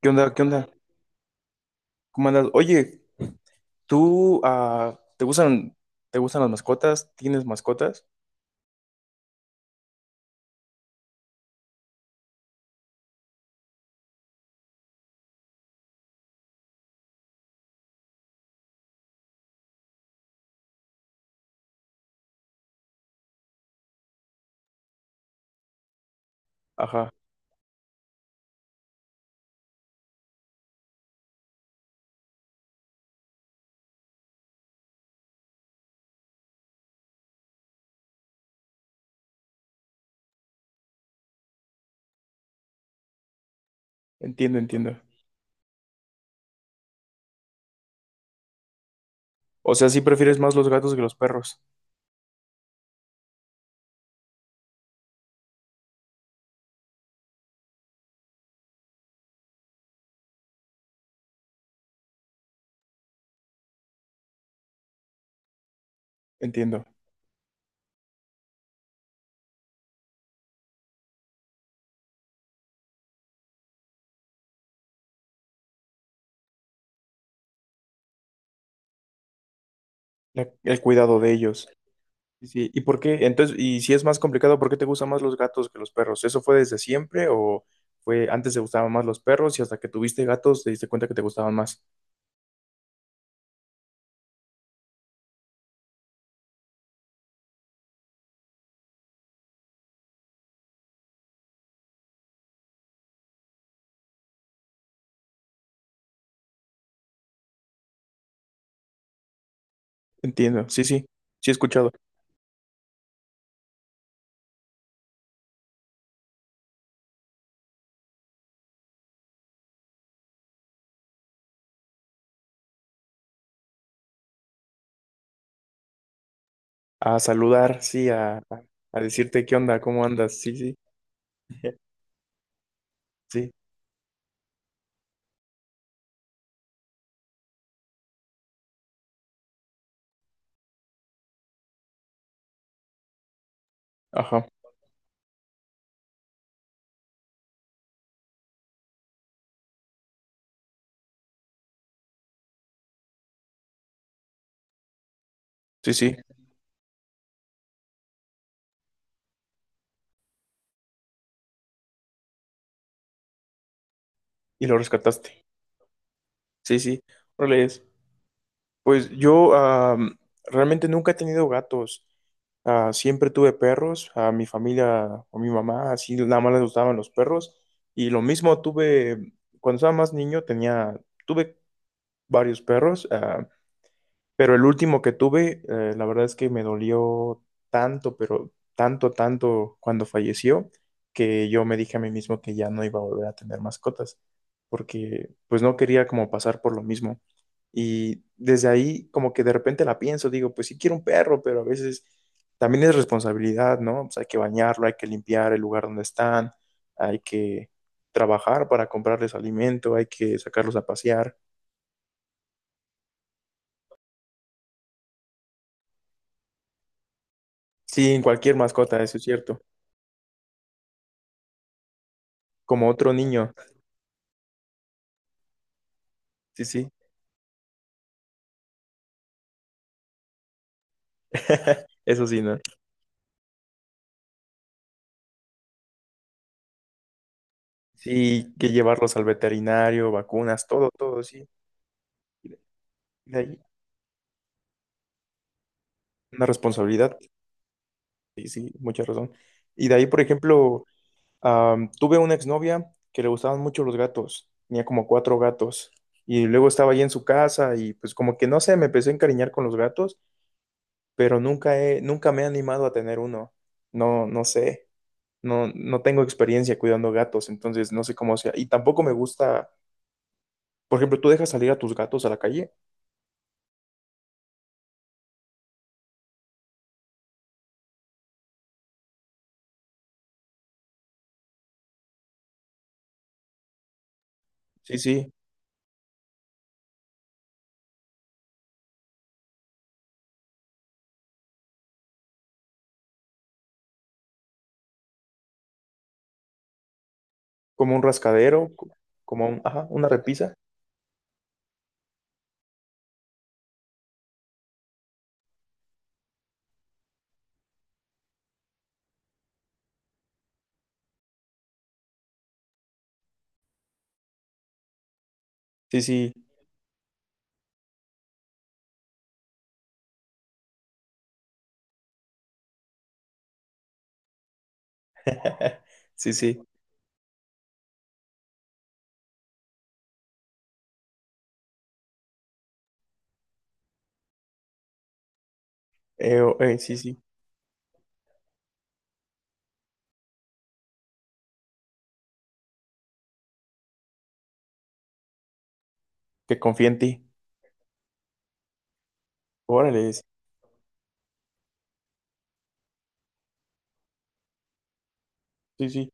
¿Qué onda? ¿Qué onda? ¿Cómo andas? Oye, ¿tú te gustan las mascotas? ¿Tienes mascotas? Ajá, entiendo, entiendo. O sea, ¿sí prefieres más los gatos que los perros? Entiendo. La- el cuidado de ellos. Sí, sí. ¿Y por qué? Entonces, y si es más complicado, ¿por qué te gustan más los gatos que los perros? ¿Eso fue desde siempre o fue antes te gustaban más los perros y hasta que tuviste gatos te diste cuenta que te gustaban más? Entiendo. Sí, sí. Sí he escuchado. A saludar, sí, a decirte qué onda, cómo andas. Sí, sí. Sí. Ajá. Sí, sí, y lo rescataste. Sí, sí. Órale, es. Pues yo realmente nunca he tenido gatos. Ah, siempre tuve perros. A mi familia, o mi mamá, así nada más les gustaban los perros. Y lo mismo tuve, cuando estaba más niño, tenía, tuve varios perros. Pero el último que tuve, la verdad es que me dolió tanto, pero tanto, tanto cuando falleció, que yo me dije a mí mismo que ya no iba a volver a tener mascotas, porque pues no quería como pasar por lo mismo. Y desde ahí como que de repente la pienso, digo, pues sí quiero un perro, pero a veces también es responsabilidad, ¿no? Pues hay que bañarlo, hay que limpiar el lugar donde están, hay que trabajar para comprarles alimento, hay que sacarlos a pasear. Sí, en cualquier mascota, eso es cierto. Como otro niño, sí, sí. Eso sí, ¿no? Sí, que llevarlos al veterinario, vacunas, todo, todo, sí. De ahí una responsabilidad, sí, sí, mucha razón. Y de ahí, por ejemplo, tuve una exnovia que le gustaban mucho los gatos, tenía como cuatro gatos, y luego estaba ahí en su casa y pues como que no sé, me empecé a encariñar con los gatos, pero nunca he, nunca me he animado a tener uno, no, no sé. No, no tengo experiencia cuidando gatos, entonces no sé cómo sea. Y tampoco me gusta. Por ejemplo, ¿tú dejas salir a tus gatos a la calle? Sí, sí, como un rascadero, co- como un, ajá, una repisa. Sí, sí, sí, sí, sí, sí, que confía en ti. Órale, sí, sí,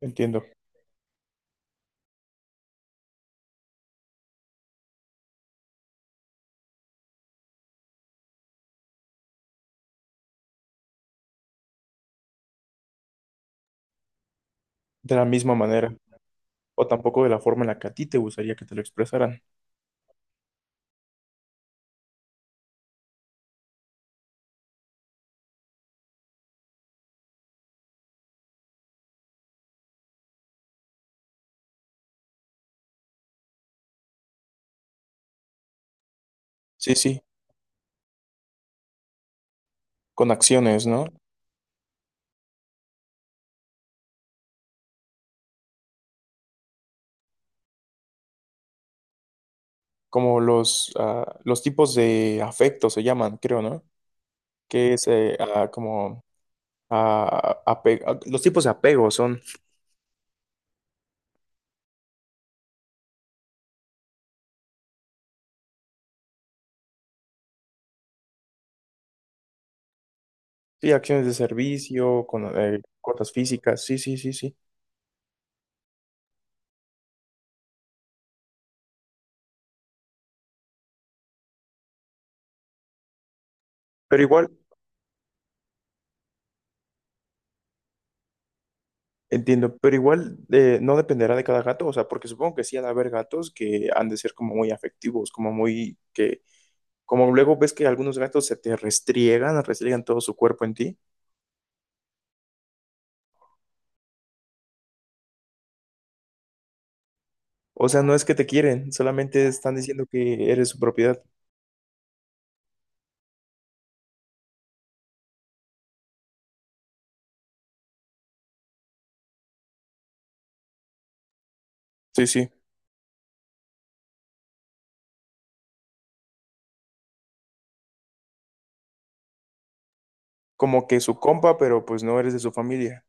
entiendo. De la misma manera, o tampoco de la forma en la que a ti te gustaría que te lo expresaran. Sí, sí, con acciones, ¿no? Como los, los tipos de afecto se llaman, creo, ¿no? Que es como los tipos de apego son. Sí, acciones de servicio, con cuotas físicas, sí, sí, sí, sí. Pero igual, entiendo, pero igual no dependerá de cada gato, o sea, porque supongo que sí han de haber gatos que han de ser como muy afectivos, como muy que, como luego ves que algunos gatos se te restriegan, restriegan todo su cuerpo en ti. O sea, no es que te quieren, solamente están diciendo que eres su propiedad. Sí, sí, como que su compa, pero pues no eres de su familia.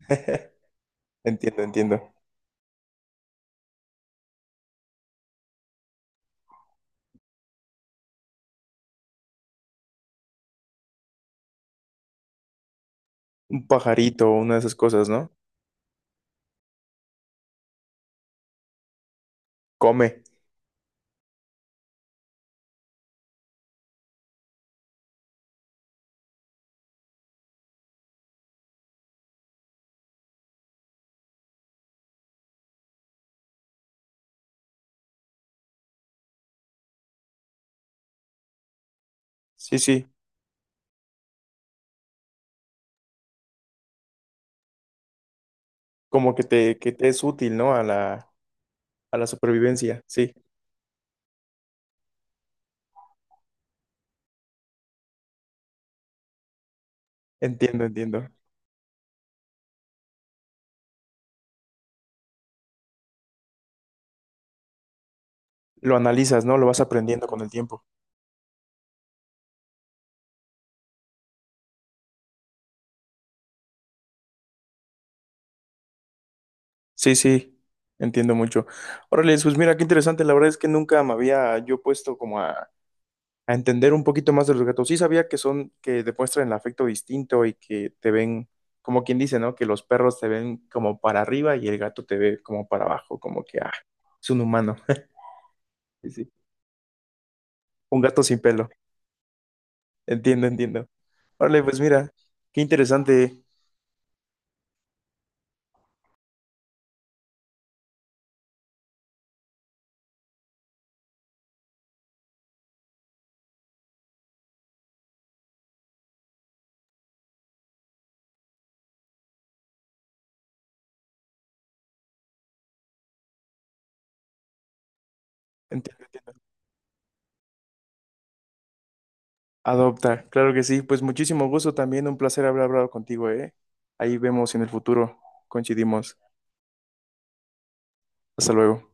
Entiendo, entiendo. Un pajarito, una de esas cosas, ¿no? Come. Sí, sí. Como que te es útil, ¿no? A la supervivencia, sí, entiendo, entiendo. Lo analizas, ¿no? Lo vas aprendiendo con el tiempo. Sí, sí, entiendo mucho. Órale, pues mira, qué interesante, la verdad es que nunca me había yo puesto como a entender un poquito más de los gatos. Sí sabía que son, que demuestran el afecto distinto y que te ven, como quien dice, ¿no? Que los perros te ven como para arriba y el gato te ve como para abajo, como que, ah, es un humano. Sí, sí. Un gato sin pelo. Entiendo, entiendo. Órale, pues mira, qué interesante. Entiendo, entiendo. Adopta, claro que sí. Pues muchísimo gusto también, un placer haber hablado contigo, ¿eh? Ahí vemos si en el futuro coincidimos. Hasta luego.